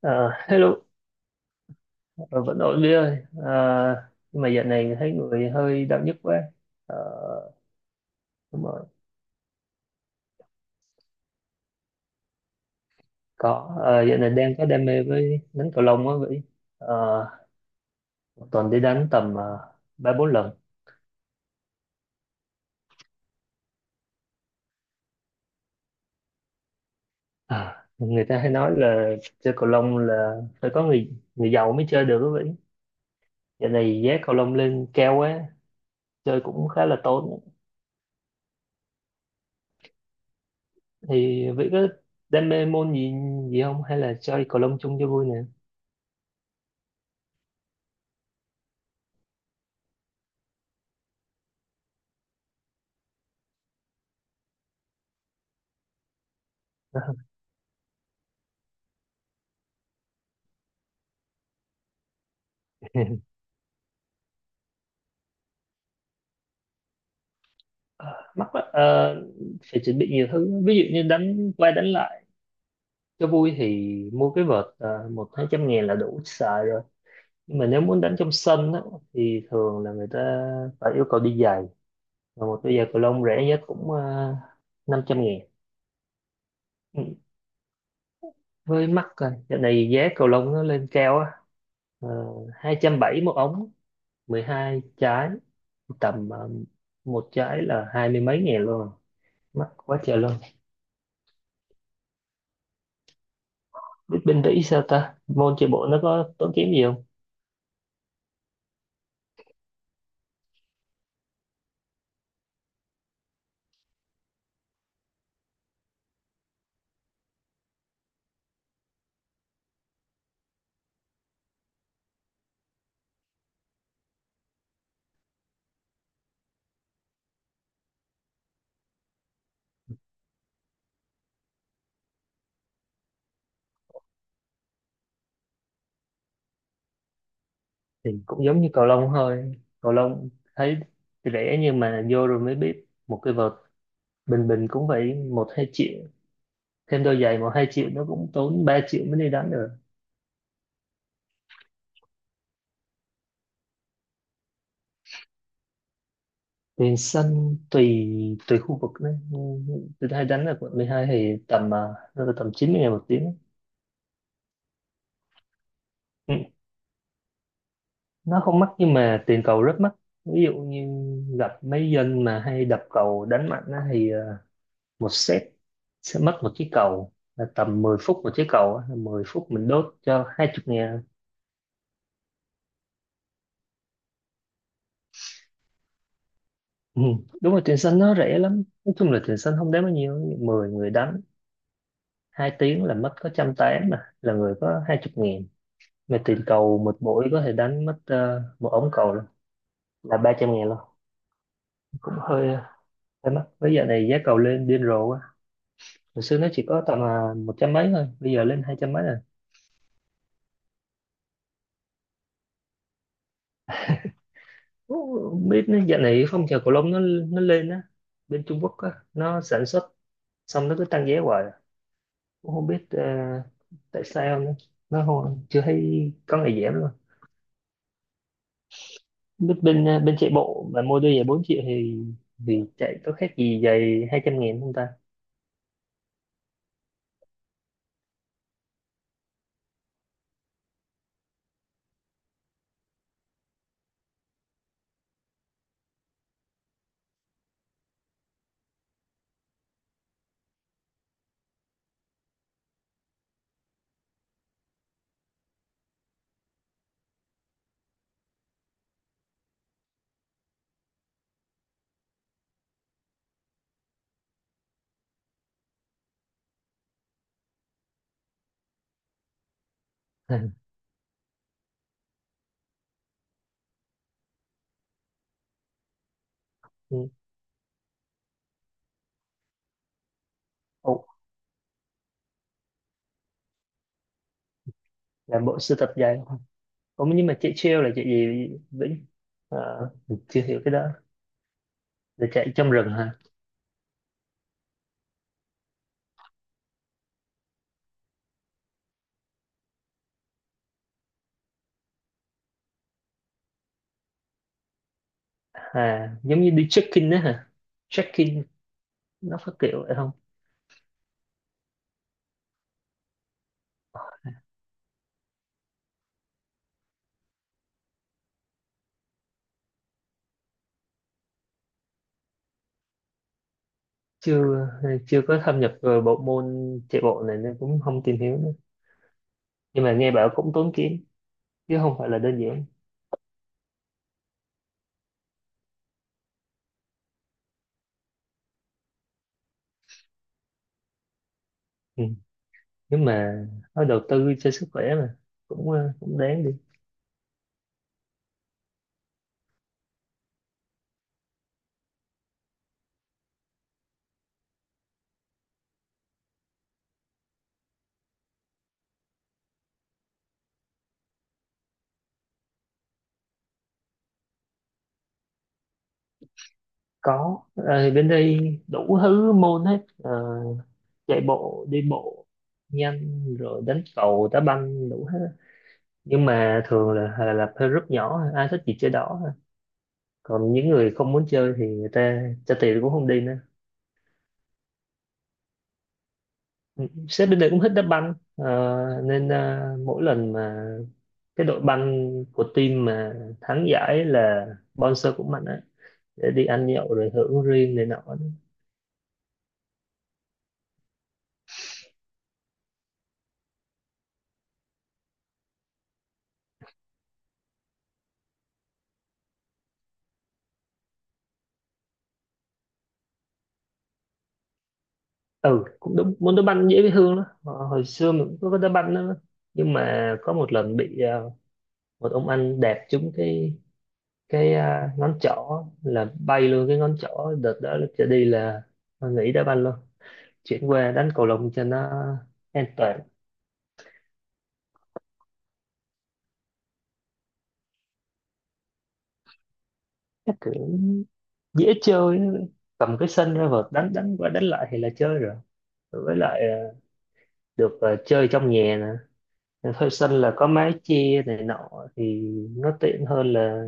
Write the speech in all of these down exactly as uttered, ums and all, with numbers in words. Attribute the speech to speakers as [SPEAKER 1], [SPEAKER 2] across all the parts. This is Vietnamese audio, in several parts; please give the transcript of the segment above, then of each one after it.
[SPEAKER 1] Ờ, Hello, Ờ, vẫn ổn Vy ơi. Ờ, nhưng mà dạo này thấy người hơi đau nhức quá. Ờ, đúng rồi, có. Ờ, dạo này đang có đam mê với đánh cầu lông á Vy. Ờ, một tuần đi đánh tầm ờ, ba bốn lần. Ờ, người ta hay nói là chơi cầu lông là phải có người người giàu mới chơi được á Vy. Dạo này giá cầu lông lên cao quá, chơi cũng khá là tốn. Thì Vy có đam mê môn gì gì không? Hay là chơi cầu lông chung cho vui nè? Ờ, mắc lắm. Ờ, phải chuẩn bị nhiều thứ, ví dụ như đánh qua đánh lại cho vui thì mua cái vợt ờ, một hai trăm ngàn là đủ xài rồi, nhưng mà nếu muốn đánh trong sân á, thì thường là người ta phải yêu cầu đi giày, và một đôi giày cầu lông rẻ nhất cũng uh, năm trăm ngàn. Ừ, với mắc rồi, dạo này giá cầu lông nó lên cao á, uh, hai trăm bảy một ống, mười hai trái, tầm ờ, một trái là hai mươi mấy ngàn luôn. Mắc quá trời luôn. Biết bên Mỹ sao ta, môn chạy bộ nó có tốn kém gì không? Thì cũng giống như cầu lông thôi. Cầu lông thấy rẻ nhưng mà vô rồi mới biết một cái vợt bình bình cũng phải một hai triệu, thêm đôi giày một hai triệu, nó cũng tốn ba triệu mới đi đánh được. Tiền sân tùy tùy khu vực đấy. Ừ, tôi hay đánh ở quận mười hai thì tầm à, nó là tầm chín mươi ngàn một tiếng. Ừ, nó không mắc nhưng mà tiền cầu rất mắc. Ví dụ như gặp mấy dân mà hay đập cầu đánh mạnh á thì một set sẽ mất một chiếc cầu là tầm mười phút một chiếc cầu á, là mười phút mình đốt cho hai chục ngàn. Ừ, đúng rồi, tiền xanh nó rẻ lắm, nói chung là tiền xanh không đáng bao nhiêu, mười người đánh hai tiếng là mất có trăm tám, mà là người có hai chục ngàn. Mà tiền cầu một buổi có thể đánh mất ờ, một ống cầu là là ba trăm ngàn luôn. Cũng hơi ờ, hơi mắc, bây giờ này giá cầu lên điên rồ quá. Hồi xưa nó chỉ có tầm à, một trăm mấy thôi, bây giờ lên hai trăm mấy rồi. Ủa, không biết nó dạo này phong trào cầu lông nó nó lên á, bên Trung Quốc á nó sản xuất, xong nó cứ tăng giá hoài. Cũng không biết ờ, tại sao nữa. Nó không, chưa thấy có ngày giảm luôn. Biết bên ờ, bên chạy bộ mà mua đôi giày bốn triệu thì thì chạy có khác gì giày hai trăm nghìn không ta? Ừ. Ồ, là bộ sưu tập giày. Ồ, nhưng mà chạy trail là chạy gì Vĩnh? Ờ, mình chưa hiểu cái đó, là chạy trong rừng hả? À giống như đi trekking đó hả? Trekking nó phát kiểu vậy không? Chưa chưa có thâm nhập vào bộ môn chạy bộ này nên cũng không tìm hiểu nữa, nhưng mà nghe bảo cũng tốn kém chứ không phải là đơn giản. Ừ, nhưng mà nói đầu tư cho sức khỏe mà, cũng ờ, cũng đáng đi. Có. Ờ, bên đây đủ thứ môn hết. Ờ, chạy bộ, đi bộ nhanh, rồi đánh cầu, đá banh đủ hết á. Nhưng mà thường là là, là theo group nhỏ, ai thích gì chơi đó. Còn những người không muốn chơi thì người ta trả tiền cũng không đi nữa. Sếp bên đây cũng thích đá banh. Ờ, nên ờ, mỗi lần mà cái đội banh của team mà thắng giải là sponsor cũng mạnh á, để đi ăn nhậu rồi hưởng riêng này nọ đó. Ừ, cũng đúng, môn đá banh dễ với Hương đó. Ờ, hồi xưa mình cũng có đá banh đó, nhưng mà có một lần bị ờ, một ông anh đạp trúng cái cái ờ, ngón trỏ, là bay luôn cái ngón trỏ. Đợt đó lúc trở đi là nghỉ đá banh luôn, chuyển qua đánh cầu lông cho nó an toàn. Chắc kiểu dễ chơi, cầm cái sân ra vợt đánh đánh qua đánh lại thì là chơi rồi. Với lại ờ, được ờ, chơi trong nhà nè, thuê sân là có mái che này nọ, thì nó tiện hơn là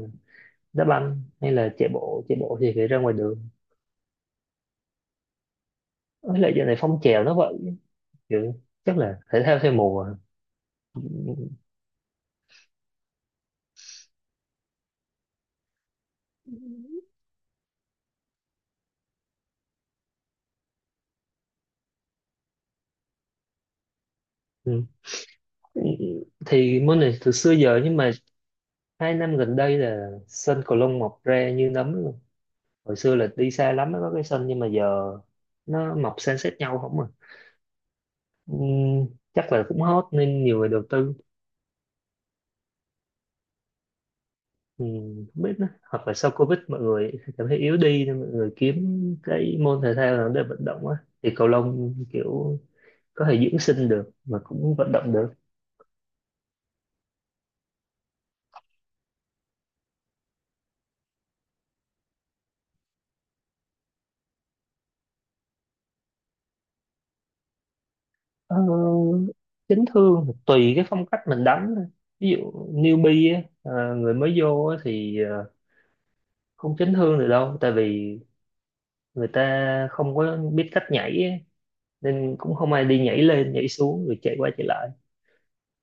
[SPEAKER 1] đá banh hay là chạy bộ. Chạy bộ thì phải ra ngoài đường. Với lại giờ này phong trào nó vậy, kiểu chắc là thể thao theo mùa. Ừ, thì môn này từ xưa giờ, nhưng mà hai năm gần đây là sân cầu lông mọc ra như nấm luôn. Hồi xưa là đi xa lắm mới có cái sân, nhưng mà giờ nó mọc san sát nhau không à. Ừ, chắc là cũng hot nên nhiều người đầu tư. Ừ, không biết nữa. Hoặc là sau Covid mọi người cảm thấy yếu đi nên mọi người kiếm cái môn thể thao nào để vận động á, thì cầu lông kiểu có thể dưỡng sinh được mà cũng vận động được. Ờ, chấn thương thì tùy cái phong cách mình đánh thôi. Ví dụ newbie á, ờ, người mới vô á, thì ờ, không chấn thương được đâu, tại vì người ta không có biết cách nhảy á, nên cũng không ai đi nhảy lên nhảy xuống rồi chạy qua chạy lại.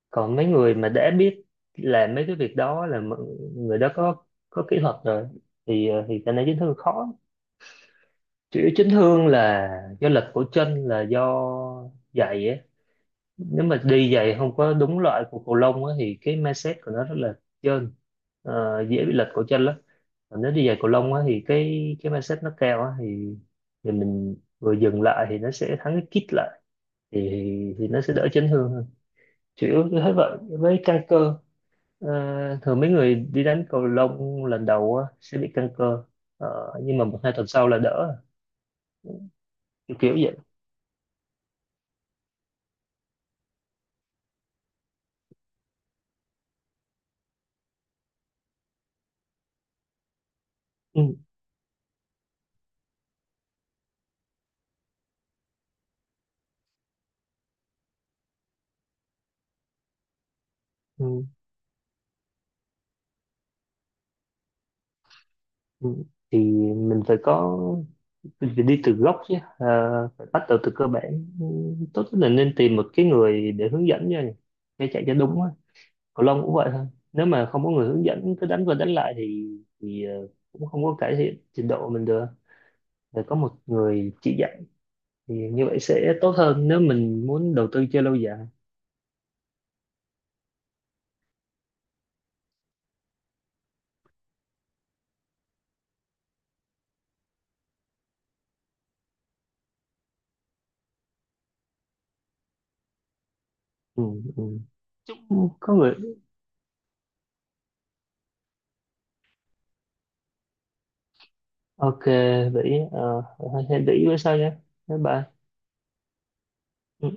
[SPEAKER 1] Còn mấy người mà đã biết làm mấy cái việc đó là m- người đó có có kỹ thuật rồi, thì ờ, thì cái này chấn thương khó. Chủ yếu chấn thương là do lực của chân, là do giày á. Nếu mà đi giày không có đúng loại của cầu lông á thì cái mindset của nó rất là trơn. Ờ, dễ bị lệch cổ chân lắm. Còn nếu đi giày cầu lông á thì cái cái mindset nó cao á thì thì mình vừa dừng lại thì nó sẽ thắng cái kít lại, thì thì nó sẽ đỡ chấn thương hơn. Chủ yếu như thế vậy, với căng cơ. Ờ, thường mấy người đi đánh cầu lông lần đầu á, sẽ bị căng cơ. Ờ, nhưng mà một hai tuần sau là đỡ. Kiểu kiểu vậy. Ừ, ừ, ừ. Thì mình phải có mình phải đi từ gốc chứ. Ờ, phải bắt đầu từ cơ bản. Ừ, tốt nhất là nên tìm một cái người để hướng dẫn nha, để chạy cho đúng á. Cầu lông cũng vậy thôi, nếu mà không có người hướng dẫn cứ đánh qua đánh lại thì thì ờ, cũng không có cải thiện trình độ mình được. Phải có một người chỉ dạy, thì như vậy sẽ tốt hơn nếu mình muốn đầu tư chơi lâu dài. Ừ, ừ. Chúc có người. Ok vậy. Uh, hãy để ý bữa sau nhé, bye bye. Ừ.